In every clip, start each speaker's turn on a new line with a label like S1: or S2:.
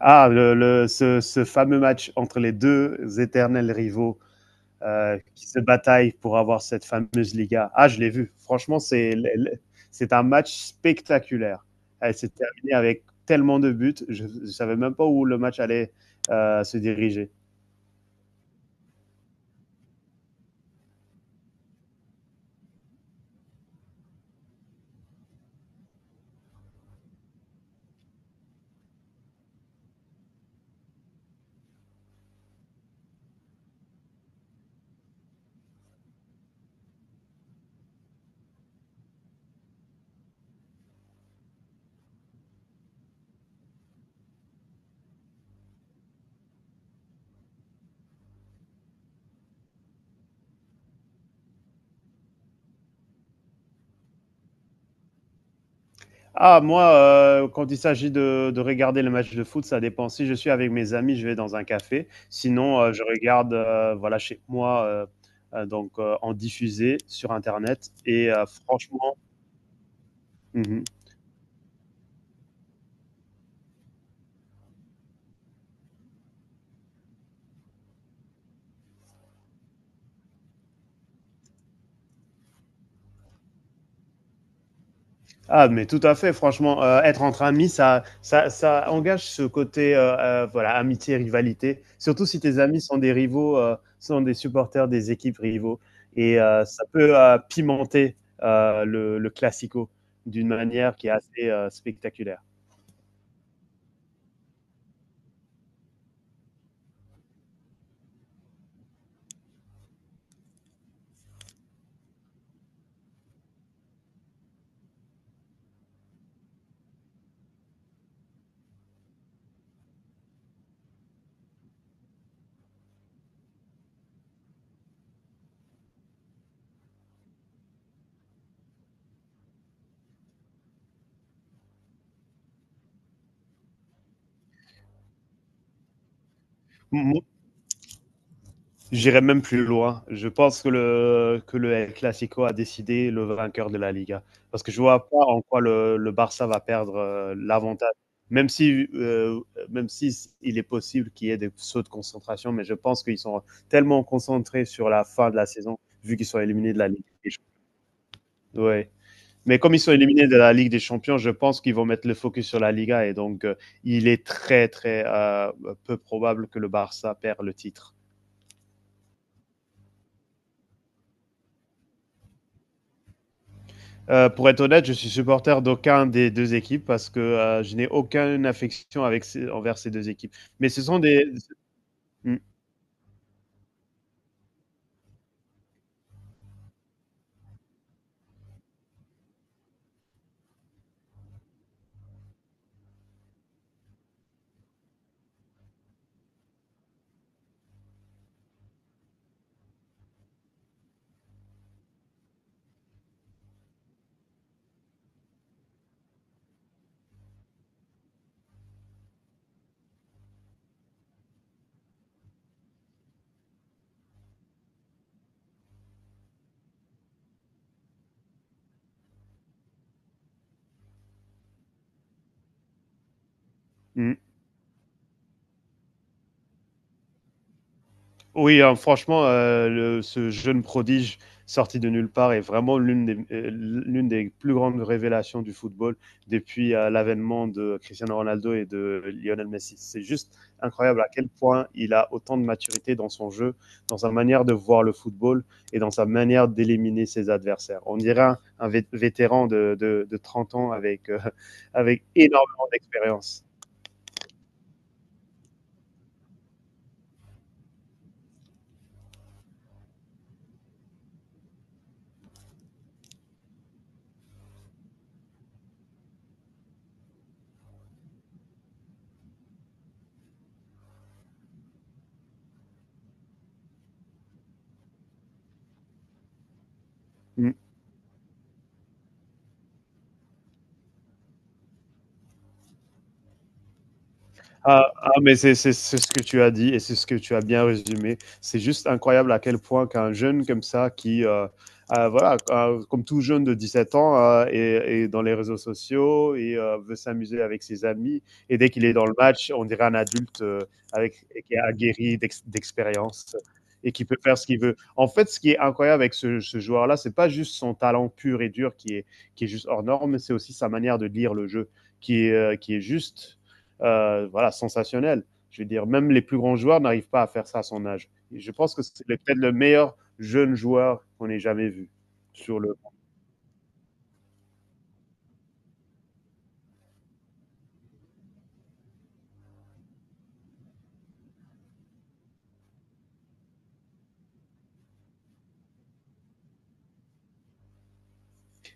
S1: Ce fameux match entre les deux éternels rivaux qui se bataillent pour avoir cette fameuse Liga. Ah, je l'ai vu. Franchement, c'est un match spectaculaire. Elle s'est terminée avec tellement de buts. Je ne savais même pas où le match allait se diriger. Ah, moi, quand il s'agit de regarder le match de foot, ça dépend. Si je suis avec mes amis, je vais dans un café. Sinon, je regarde, voilà, chez moi, en diffusé sur internet et franchement mmh. Ah, mais tout à fait, franchement, être entre amis, ça engage ce côté voilà, amitié, rivalité, surtout si tes amis sont des rivaux, sont des supporters des équipes rivaux et ça peut, pimenter, le classico d'une manière qui est assez, spectaculaire. J'irai même plus loin. Je pense que le El Clasico a décidé le vainqueur de la Liga. Parce que je vois pas en quoi le Barça va perdre l'avantage. Même si, il est possible qu'il y ait des sauts de concentration, mais je pense qu'ils sont tellement concentrés sur la fin de la saison, vu qu'ils sont éliminés de la Ligue des Champions. Ouais. Mais comme ils sont éliminés de la Ligue des Champions, je pense qu'ils vont mettre le focus sur la Liga et donc il est très peu probable que le Barça perd le titre. Pour être honnête, je suis supporter d'aucun des deux équipes parce que je n'ai aucune affection avec envers ces deux équipes. Mais ce sont des. Mm, mm. Oui, hein, franchement, le ce jeune prodige sorti de nulle part est vraiment l'une des plus grandes révélations du football depuis, l'avènement de Cristiano Ronaldo et de Lionel Messi. C'est juste incroyable à quel point il a autant de maturité dans son jeu, dans sa manière de voir le football et dans sa manière d'éliminer ses adversaires. On dirait un vétéran de 30 ans avec, avec énormément d'expérience. Mmh. Mais c'est ce que tu as dit et c'est ce que tu as bien résumé. C'est juste incroyable à quel point qu'un jeune comme ça, qui, voilà, ah, comme tout jeune de 17 ans, ah, est dans les réseaux sociaux et veut s'amuser avec ses amis. Et dès qu'il est dans le match, on dirait un adulte avec, qui est aguerri d'expérience et qui peut faire ce qu'il veut. En fait, ce qui est incroyable avec ce joueur-là, c'est pas juste son talent pur et dur qui est juste hors norme, mais c'est aussi sa manière de lire le jeu qui est juste voilà, sensationnel. Je veux dire, même les plus grands joueurs n'arrivent pas à faire ça à son âge. Et je pense que c'est peut-être le meilleur jeune joueur qu'on ait jamais vu. Sur le…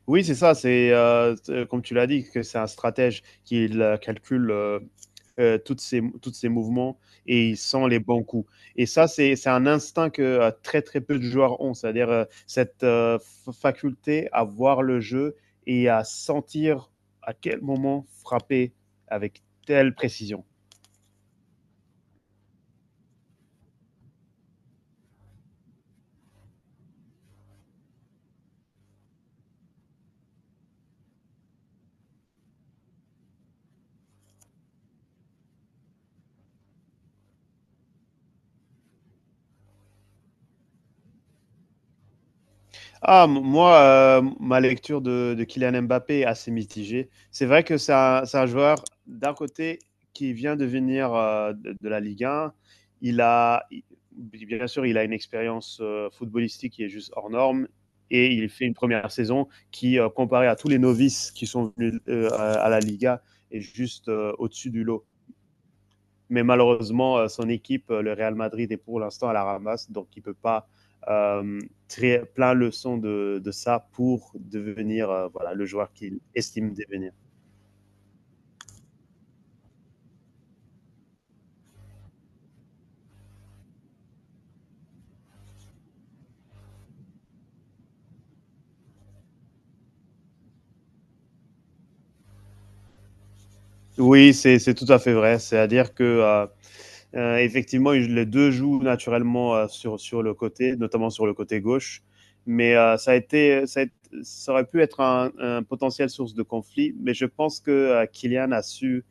S1: Oui, c'est ça, c'est comme tu l'as dit, que c'est un stratège qui calcule tous ses mouvements et il sent les bons coups. Et ça, c'est un instinct que très peu de joueurs ont, c'est-à-dire cette faculté à voir le jeu et à sentir à quel moment frapper avec telle précision. Ah, moi, ma lecture de Kylian Mbappé est assez mitigée. C'est vrai que c'est un joueur, d'un côté, qui vient de venir de la Ligue 1. Il a, il- Bien sûr, il a une expérience footballistique qui est juste hors norme. Et il fait une première saison qui, comparée à tous les novices qui sont venus à la Liga, est juste au-dessus du lot. Mais malheureusement, son équipe, le Real Madrid, est pour l'instant à la ramasse, donc il ne peut pas euh, très, plein leçon de ça pour devenir voilà, le joueur qu'il estime devenir. Oui, c'est tout à fait vrai. C'est-à-dire que effectivement, les deux jouent naturellement sur le côté, notamment sur le côté gauche. Mais ça, a été, ça aurait pu être un potentiel source de conflit. Mais je pense que Kylian a su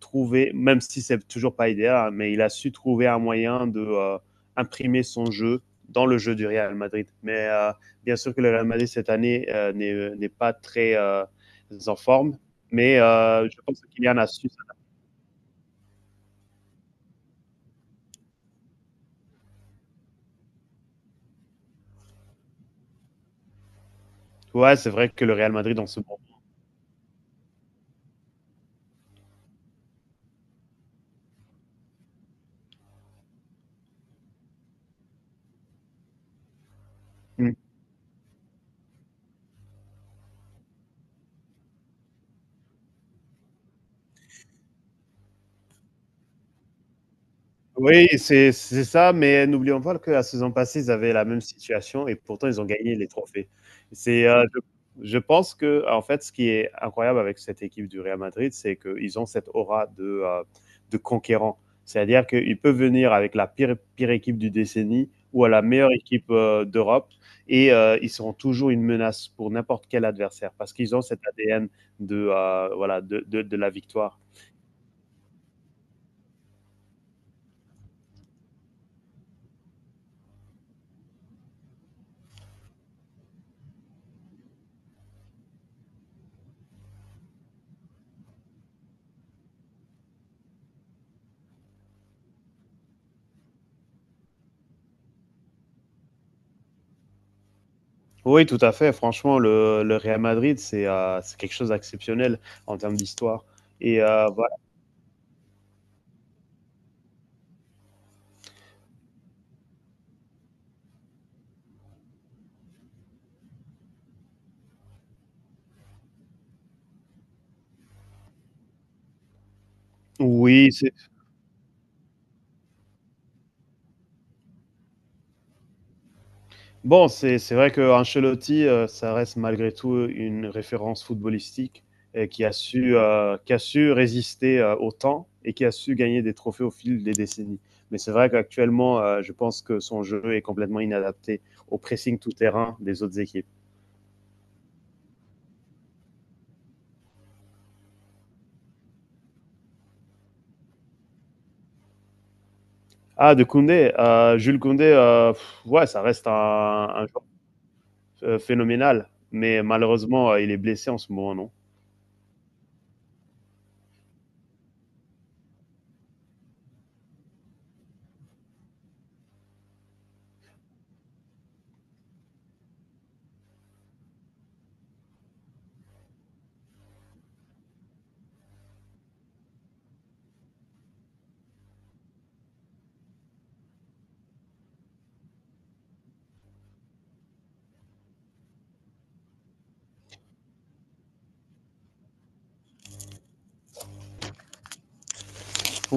S1: trouver, même si c'est toujours pas idéal, hein, mais il a su trouver un moyen de imprimer son jeu dans le jeu du Real Madrid. Mais bien sûr que le Real Madrid cette année n'est pas très en forme, mais je pense que Kylian a su. Ça. Ouais, c'est vrai que le Real Madrid en ce moment. Oui, c'est ça, mais n'oublions pas que la saison passée, ils avaient la même situation et pourtant ils ont gagné les trophées. C'est, Je pense qu'en fait, ce qui est incroyable avec cette équipe du Real Madrid, c'est qu'ils ont cette aura de conquérant. C'est-à-dire qu'ils peuvent venir avec la pire équipe du décennie ou à la meilleure équipe, d'Europe et ils seront toujours une menace pour n'importe quel adversaire parce qu'ils ont cet ADN de, voilà, de la victoire. Oui, tout à fait. Franchement, le Real Madrid, c'est quelque chose d'exceptionnel en termes d'histoire et voilà. Oui, c'est bon, c'est vrai qu'Ancelotti, ça reste malgré tout, une référence footballistique et qui a su résister, au temps et qui a su gagner des trophées au fil des décennies. Mais c'est vrai qu'actuellement, je pense que son jeu est complètement inadapté au pressing tout terrain des autres équipes. Ah de Koundé, Jules Koundé, ouais, ça reste un phénoménal. Mais malheureusement, il est blessé en ce moment, non.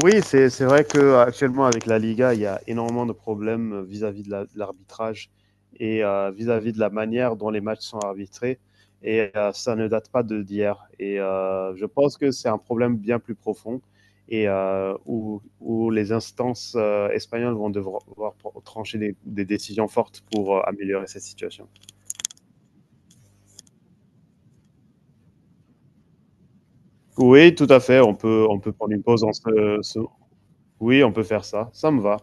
S1: Oui, c'est vrai que actuellement avec la Liga, il y a énormément de problèmes vis-à-vis de l'arbitrage et vis-à-vis de la manière dont les matchs sont arbitrés. Et ça ne date pas de d'hier. Et je pense que c'est un problème bien plus profond et où les instances espagnoles vont devoir trancher des décisions fortes pour améliorer cette situation. Oui, tout à fait. On peut prendre une pause en ce- Oui, on peut faire ça. Ça me va.